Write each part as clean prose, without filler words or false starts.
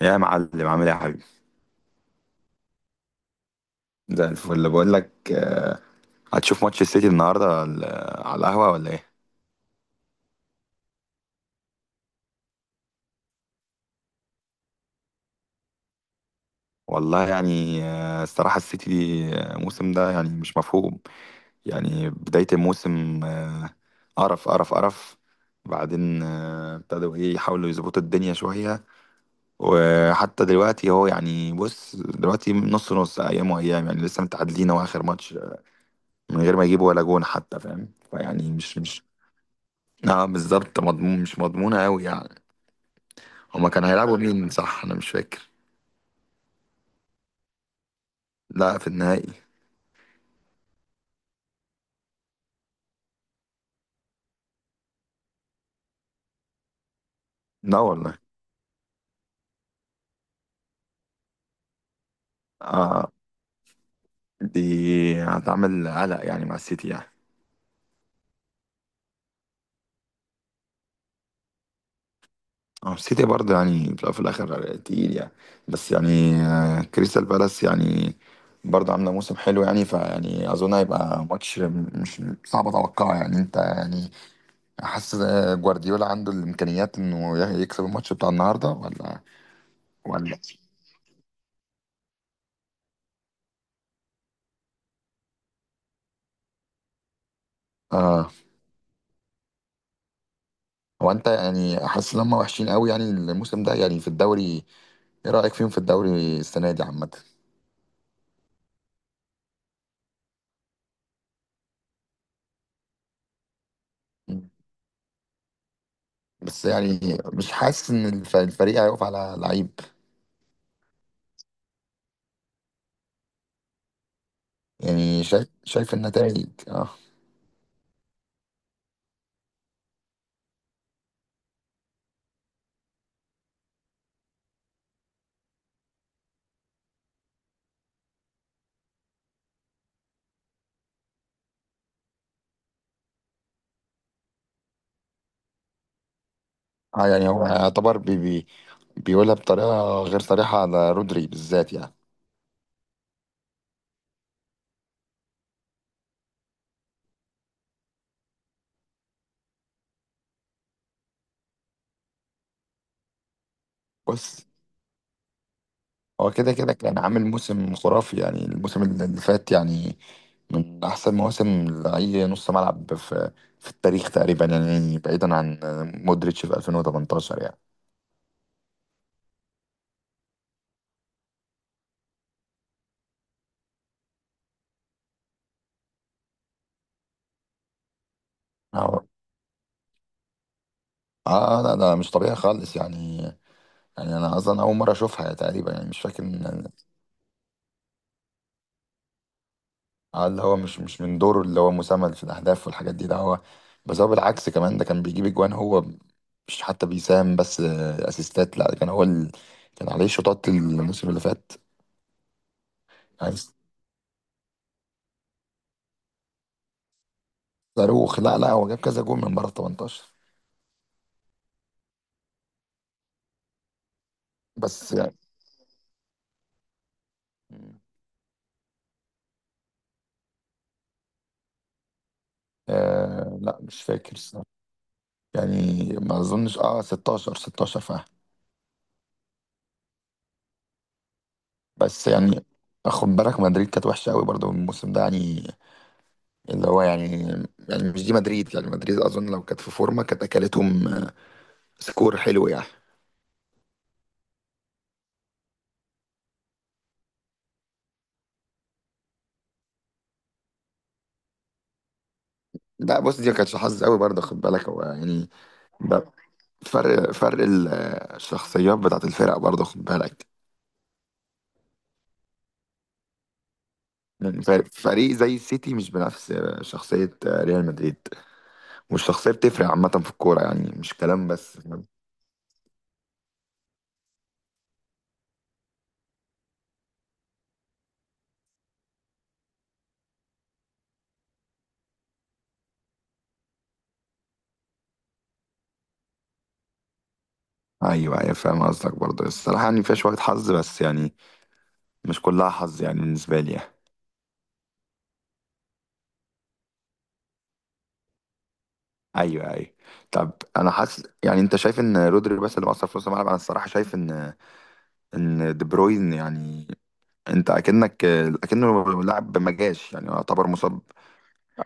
يا معلم، عامل ايه يا حبيبي؟ زي الفل. بقول لك. هتشوف ماتش السيتي النهارده على القهوه ولا ايه؟ والله يعني، الصراحه السيتي دي، الموسم ده يعني مش مفهوم. يعني بدايه الموسم، قرف قرف قرف. بعدين ابتدوا ايه يحاولوا يظبطوا الدنيا شويه. وحتى دلوقتي هو يعني، بص دلوقتي نص نص، ايام وايام يعني لسه متعادلين هو اخر ماتش من غير ما يجيبوا ولا جون حتى، فاهم؟ فيعني مش مش اه بالظبط، مضمون مش مضمونة أوي يعني. هما كانوا هيلعبوا مين؟ صح، انا مش فاكر. لا، في النهائي. لا والله. آه، دي هتعمل قلق يعني مع السيتي يعني. اه، السيتي برضه يعني في الأول وفي الاخر تقيل يعني. بس يعني كريستال بالاس يعني برضه عامله موسم حلو يعني. فيعني اظن هيبقى ماتش مش صعب اتوقعه يعني. انت يعني حاسس، جوارديولا عنده الامكانيات انه يكسب الماتش بتاع النهارده ولا ولا؟ آه. هو انت يعني حاسس ان هم وحشين قوي يعني الموسم ده يعني في الدوري؟ ايه رأيك فيهم في الدوري السنة دي عامة؟ بس يعني مش حاسس ان الفريق هيقف على لعيب. يعني شايف النتائج، اه. يعني هو يعتبر بي بي بيقولها بطريقة غير صريحة على رودري بالذات يعني. بص، هو كده كده كان عامل موسم خرافي يعني. الموسم اللي فات يعني من أحسن مواسم لأي نص ملعب في التاريخ تقريبا، يعني بعيدا عن مودريتش في 2018 يعني. أهو. اه لا، ده مش طبيعي خالص يعني. يعني انا اصلا اول مره اشوفها يعني تقريبا، يعني مش فاكر اه، اللي هو مش من دوره، اللي هو مساهم في الاهداف والحاجات دي، ده هو. بس هو بالعكس، كمان ده كان بيجيب اجوان هو. مش حتى بيساهم بس اسيستات، لا، ده كان هو كان عليه شوطات الموسم اللي فات، يعني صاروخ. لا لا، هو جاب كذا جول من بره 18. بس يعني، آه لا، مش فاكر الصراحة. يعني ما اظنش، اه، 16 16 فعلا. بس يعني خد بالك مدريد كانت وحشه قوي برضو الموسم ده يعني. اللي هو يعني مش دي مدريد يعني. مدريد اظن لو كانت في فورمه كانت اكلتهم سكور حلو يعني. لا بص، دي ما كانتش حظ قوي برضه، خد بالك. هو يعني، ده فرق الشخصيات بتاعت الفرق برضه، خد بالك. فريق زي السيتي مش بنفس شخصية ريال مدريد، والشخصية بتفرق عامة في الكورة يعني، مش كلام بس، فاهم؟ أيوة أيوة، فاهم قصدك. برضه الصراحة يعني فيها شوية حظ، بس يعني مش كلها حظ يعني، بالنسبة لي يعني. أيوة أيوة. طب أنا حاسس يعني، أنت شايف إن رودري بس اللي مأثر في نص الملعب؟ أنا الصراحة شايف إن دي بروين يعني، أنت أكنك أكنه لاعب ما جاش، يعني يعتبر مصاب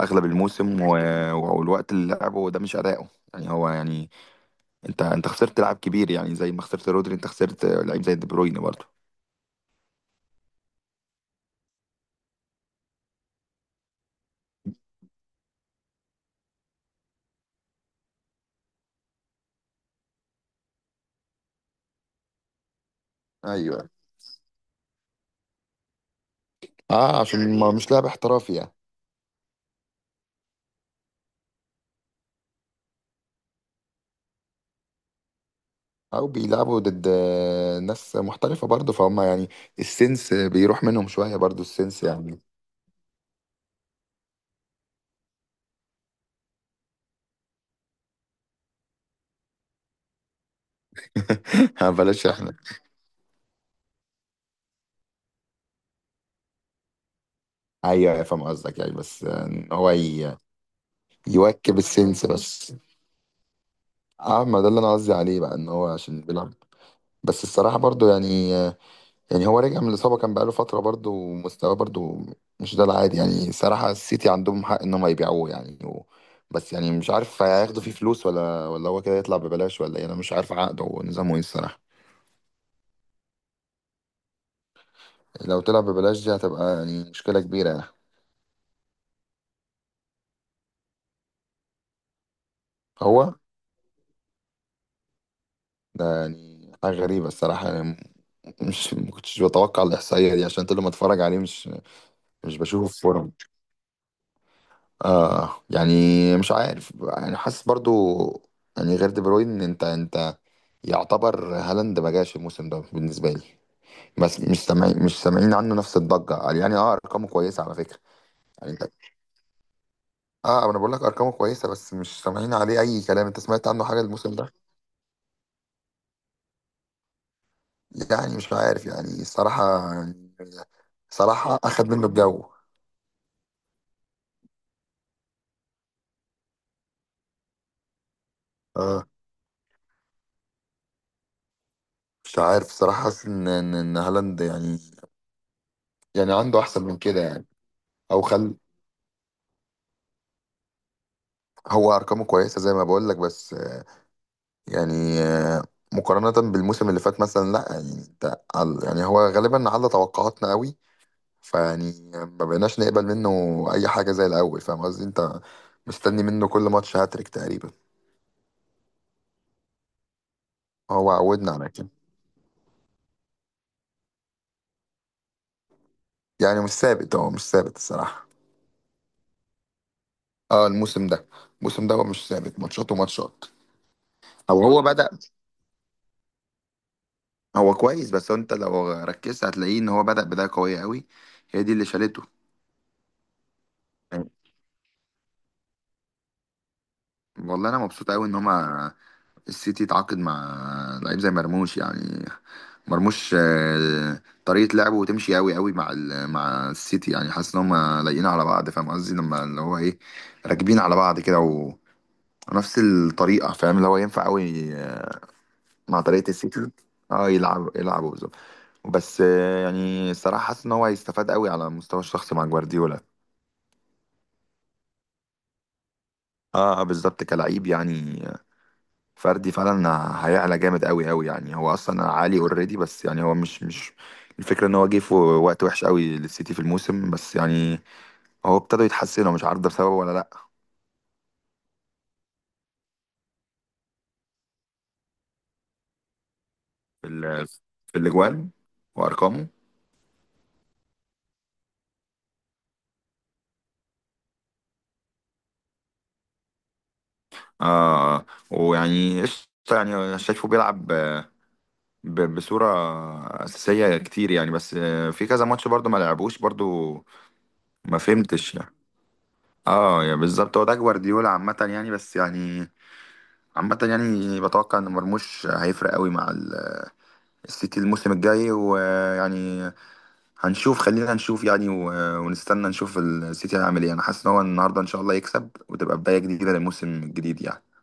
أغلب الموسم والوقت اللي لعبه ده مش أداؤه يعني. هو يعني انت خسرت لاعب كبير يعني. زي ما خسرت رودري، انت خسرت لعيب زي دي بروين برضه. ايوه. اه، عشان ما مش لاعب احترافي يعني. او بيلعبوا ضد، ناس محترفه برضه، فهم يعني. السنس بيروح منهم شويه برضه، السنس يعني. بلاش احنا. ايوه أيوة، فاهم قصدك يعني. بس، ان هو يواكب السنس بس. اه، ما ده اللي انا قصدي عليه بقى، ان هو عشان بيلعب. بس الصراحه برضه يعني، يعني هو رجع من الإصابة كان بقاله فترة، برضه ومستواه برضه مش ده العادي يعني. صراحة السيتي عندهم حق إنهم هيبيعوه يعني بس يعني مش عارف هياخدوا فيه فلوس ولا هو كده يطلع ببلاش، ولا إيه؟ أنا مش عارف عقده ونظامه إيه الصراحة. لو طلع ببلاش دي هتبقى يعني مشكلة كبيرة يعني. هو ده يعني حاجة غريبة الصراحة يعني. مش، ما كنتش بتوقع الإحصائية دي، عشان كل ما أتفرج عليه مش بشوفه في فورم. آه يعني مش عارف يعني، حاسس برضو يعني، غير دي بروين. أنت يعتبر هالاند ما جاش الموسم ده بالنسبه لي. بس مش سامعين عنه نفس الضجه يعني. اه، ارقامه كويسه على فكره يعني، انت. اه انا بقول لك ارقامه كويسه، بس مش سامعين عليه اي كلام. انت سمعت عنه حاجه الموسم ده؟ يعني مش عارف يعني الصراحه. صراحه اخد منه الجو. اه، مش عارف الصراحه، حاسس ان إن هالاند يعني، يعني عنده احسن من كده يعني. او خل هو ارقامه كويسه، زي ما بقول لك. بس يعني مقارنة بالموسم اللي فات مثلا لا يعني. انت يعني هو غالبا على توقعاتنا قوي، فيعني ما بقيناش نقبل منه اي حاجة زي الاول، فاهم قصدي؟ انت مستني منه كل ماتش هاتريك تقريبا، هو عودنا على كده. يعني مش ثابت، هو مش ثابت الصراحة. اه الموسم ده، هو مش ثابت، ماتشات وماتشات. او هو بدأ هو كويس، بس انت لو ركزت هتلاقيه ان هو بدأ بداية قوية قوي، هي دي اللي شالته. يعني والله انا مبسوط قوي ان هما السيتي يتعاقد مع لعيب زي مرموش يعني. مرموش، طريقة لعبه تمشي قوي قوي مع مع السيتي يعني. حاسس ان هم لايقين على بعض، فاهم قصدي؟ لما اللي هو، ايه، راكبين على بعض كده ونفس الطريقة. فاهم اللي هو ينفع قوي مع طريقة السيتي. اه، يلعبوا بالظبط. بس يعني الصراحة حاسس ان هو هيستفاد قوي على المستوى الشخصي مع جوارديولا. اه بالظبط، كلعيب يعني، فردي فعلا. هيعلى جامد قوي قوي يعني. هو اصلا عالي اوريدي، بس يعني هو مش مش الفكره ان هو جه في وقت وحش قوي للسيتي في الموسم، بس يعني هو ابتدوا يتحسنوا مش عارف ده بسببه ولا لا. في في الاجوان وارقامه. آه، ويعني قشطه. يعني أنا شايفه بيلعب، بصوره اساسيه كتير يعني. بس في كذا ماتش برضو ما لعبوش برضو، ما فهمتش يعني. اه يعني بالظبط، هو ده جوارديولا عامه يعني. بس يعني عامة، يعني بتوقع ان مرموش هيفرق قوي مع السيتي الموسم الجاي، ويعني هنشوف. خلينا نشوف يعني، ونستنى نشوف السيتي هيعمل ايه. انا حاسس ان هو النهارده ان شاء الله يكسب وتبقى بداية جديدة للموسم الجديد يعني.